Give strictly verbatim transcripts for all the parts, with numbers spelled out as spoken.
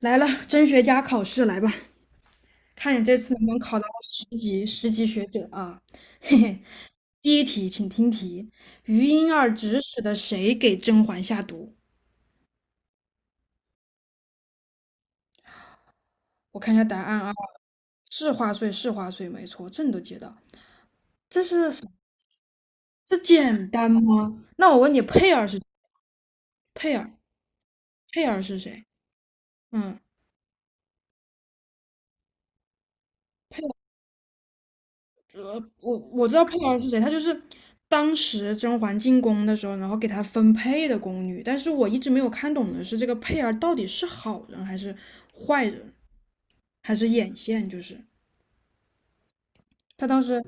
来了，真学家考试来吧，看你这次能不能考到十级十级学者啊！嘿嘿，第一题，请听题：余莺儿指使的谁给甄嬛下毒？我看一下答案啊，是花穗，是花穗，没错，这你都接到。这是什这简单吗？那我问你，佩儿是佩儿，佩儿是谁？嗯，佩。呃，我我知道佩儿是谁，她就是当时甄嬛进宫的时候，然后给她分配的宫女。但是我一直没有看懂的是，这个佩儿到底是好人还是坏人，还是眼线？就是她当时，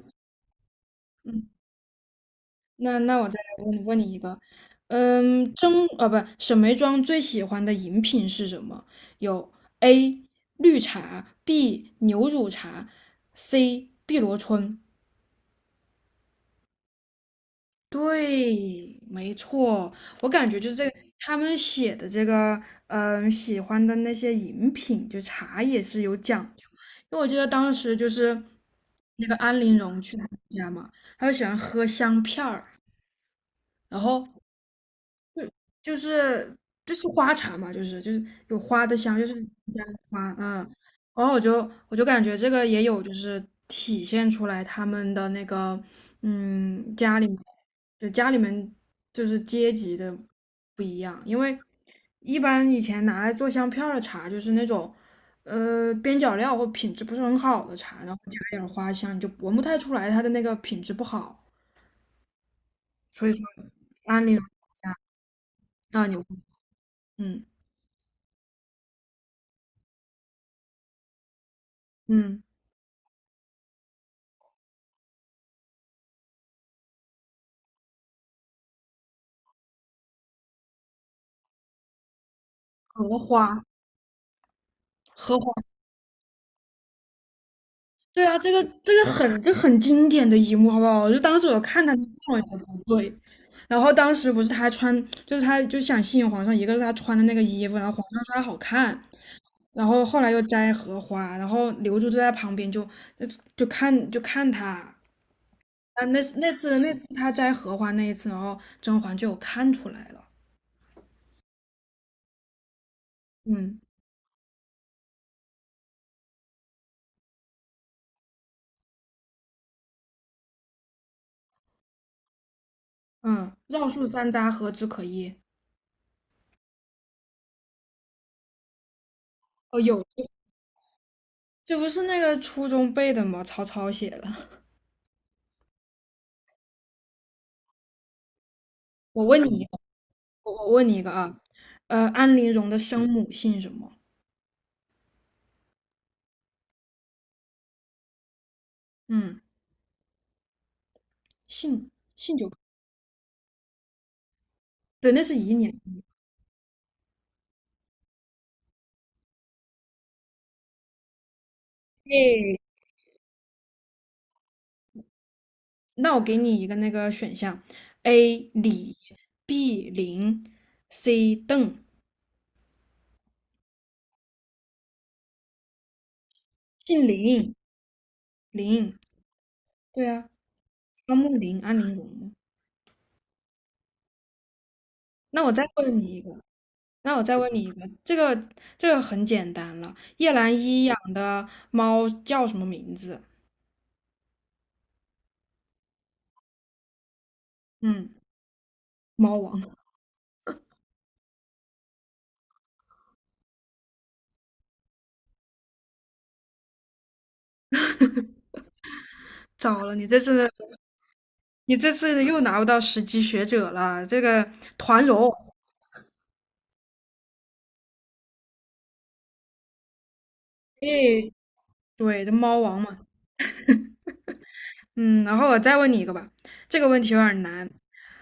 嗯，那那我再来问问你一个，嗯，甄呃不，沈眉庄最喜欢的饮品是什么？有 A 绿茶，B 牛乳茶，C 碧螺春。对，没错，我感觉就是这个，他们写的这个，嗯、喜欢的那些饮品，就茶也是有讲究。因为我记得当时就是那个安陵容去他们家嘛，他就喜欢喝香片儿，然后就是就是花茶嘛，就是就是有花的香，就是加了花，嗯，然后我就我就感觉这个也有就是体现出来他们的那个嗯家里面就家里面就是阶级的不一样，因为一般以前拿来做香片儿的茶就是那种呃边角料或品质不是很好的茶，然后加点儿花香，你就闻不太出来它的那个品质不好，所以说安利啊你嗯嗯荷花。荷花，对啊，这个这个很这很经典的一幕，好不好？就当时我看他那我也觉得不对，然后当时不是他穿，就是他就想吸引皇上，一个是他穿的那个衣服，然后皇上说他好看，然后后来又摘荷花，然后刘珠就在旁边就就看就看他啊，那那次那次他摘荷花那一次，然后甄嬛就有看出来了，嗯嗯，绕树三匝何枝可依？哦，有，这不是那个初中背的吗？曹操写的，我问你。我我问你一个啊，呃，安陵容的生母姓什么？嗯，姓姓就对，那是姨娘。诶，那我给你一个那个选项：A 李，B 林，C 邓，姓林林。对啊，双木林，安陵容嘛那我再问你一个，那我再问你一个，这个这个很简单了。叶澜依养的猫叫什么名字？嗯，猫王。糟了，你这是。你这次又拿不到十级学者了，这个团荣，哎，对，这猫王嘛，嗯，然后我再问你一个吧，这个问题有点难，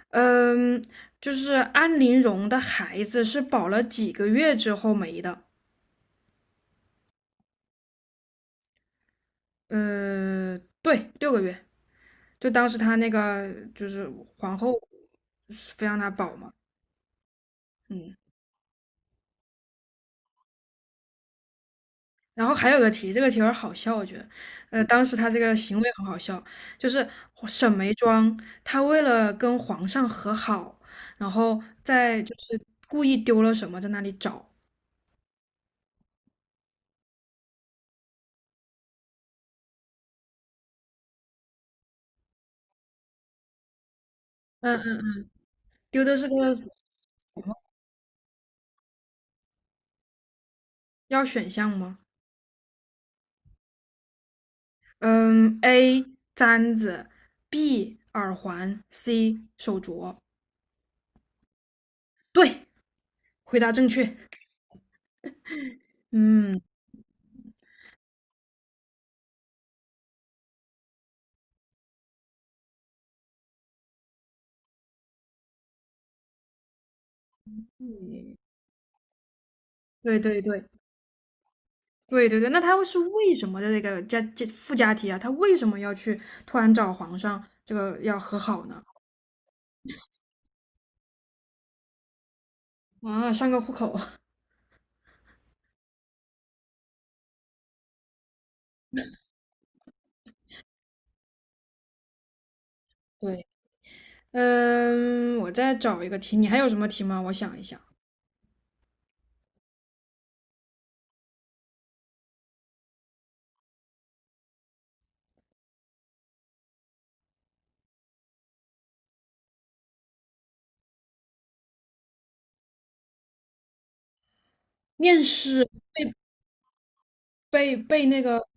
嗯，就是安陵容的孩子是保了几个月之后没的？呃，对，六个月，就当时她那个就是皇后非让她保嘛，嗯。然后还有个题，这个题有点好笑，我觉得，呃，当时他这个行为很好笑，就是沈眉庄，她为了跟皇上和好，然后在就是故意丢了什么，在那里找，嗯嗯，丢的是个什么？要选项吗？嗯，A 簪子，B 耳环，C 手镯。对，回答正确。嗯嗯，对对对，对对对，那他是为什么的这个加加附加题啊？他为什么要去突然找皇上这个要和好呢？啊，上个户口。对，嗯，我再找一个题，你还有什么题吗？我想一想，念诗背背那个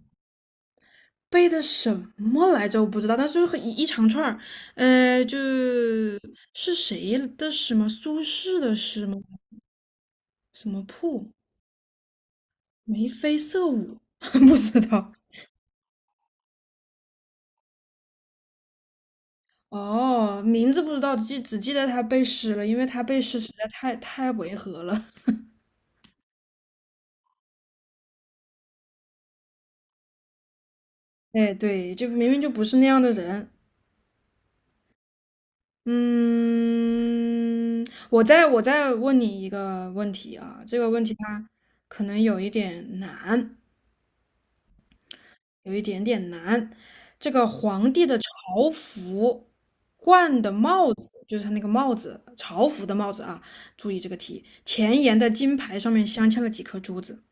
背的什么来着？我不知道，但是很一一长串儿，呃，就是谁的诗吗？苏轼的诗吗？什么瀑？眉飞色舞？不知道。哦，名字不知道，记只记得他背诗了，因为他背诗实在太太违和了。哎，对，就明明就不是那样的人。嗯，我再我再问你一个问题啊，这个问题它可能有一点难，有一点点难。这个皇帝的朝服冠的帽子，就是他那个帽子，朝服的帽子啊，注意这个题，前沿的金牌上面镶嵌了几颗珠子。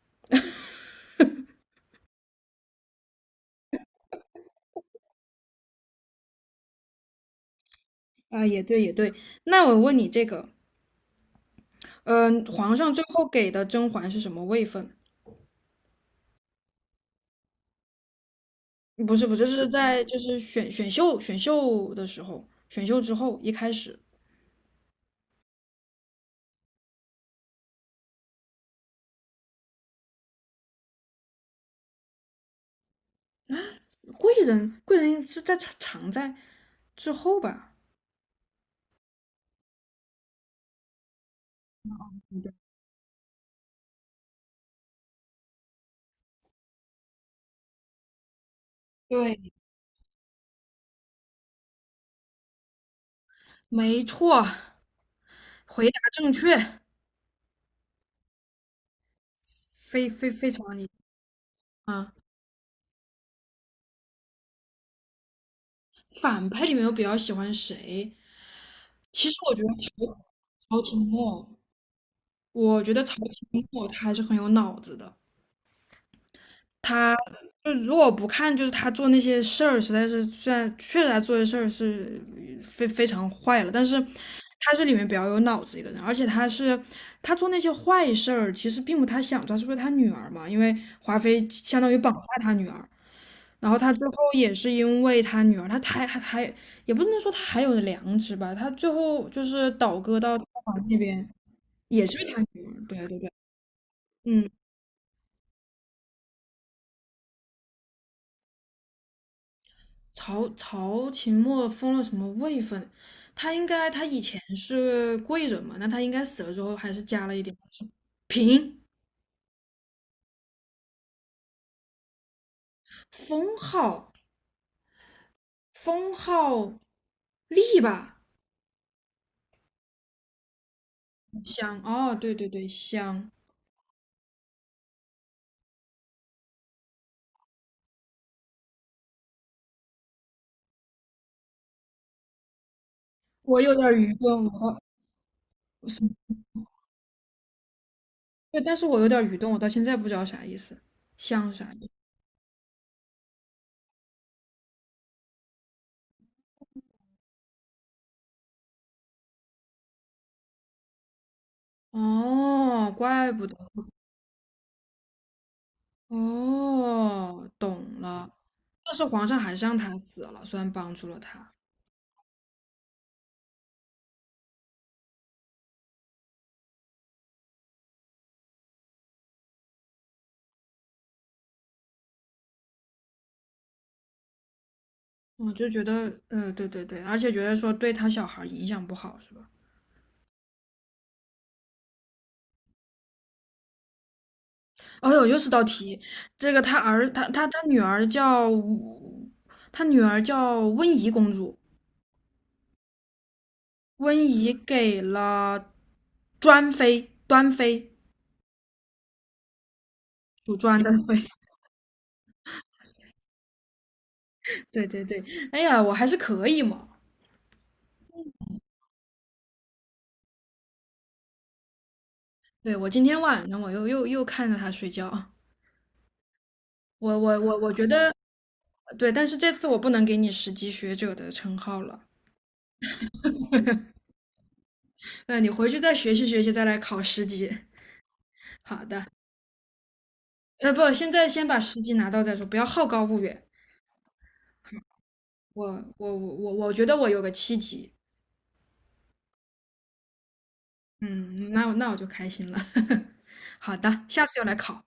啊，也对，也对。那我问你这个，嗯、皇上最后给的甄嬛是什么位分？不是，不是，是在就是选选秀选秀的时候，选秀之后一开始，贵人贵人是在常在之后吧？对，没错，回答正确，非非非常你啊！反派里面我比较喜欢谁？其实我觉得曹曹廷墨，我觉得曹廷墨他还是很有脑子的。他就如果不看，就是他做那些事儿，实在是虽然确实他做的事儿是非非常坏了，但是他是里面比较有脑子一个人，而且他是他做那些坏事儿，其实并不他想做，是不是他女儿嘛？因为华妃相当于绑架他女儿，然后他最后也是因为他女儿，他还还还也不能说他还有良知吧，他最后就是倒戈到朝皇那边，也是因为他女儿，对对对，嗯。曹曹琴墨封了什么位分？他应该他以前是贵人嘛，那他应该死了之后还是加了一点是嫔封号封号立吧？香哦，对对对，香。我有点儿愚钝，我是？对，但是我有点儿愚钝，我到现在不知道啥意思，香是啥意思？哦，怪不得，哦，懂了。但是皇上还是让他死了，虽然帮助了他。我就觉得，呃，对对对，而且觉得说对他小孩影响不好，是吧？哎呦，又是道题，这个他儿，他他他女儿叫，他女儿叫温宜公主，温宜给了专妃，端妃，主专的妃，对对对，哎呀，我还是可以嘛。对，我今天晚上我又又又看着他睡觉，我我我我觉得对，但是这次我不能给你十级学者的称号了，那你回去再学习学习，再来考十级。好的。呃，不，现在先把十级拿到再说，不要好高骛远。我我我我我觉得我有个七级，嗯，那我那我就开心了。好的，下次又来考。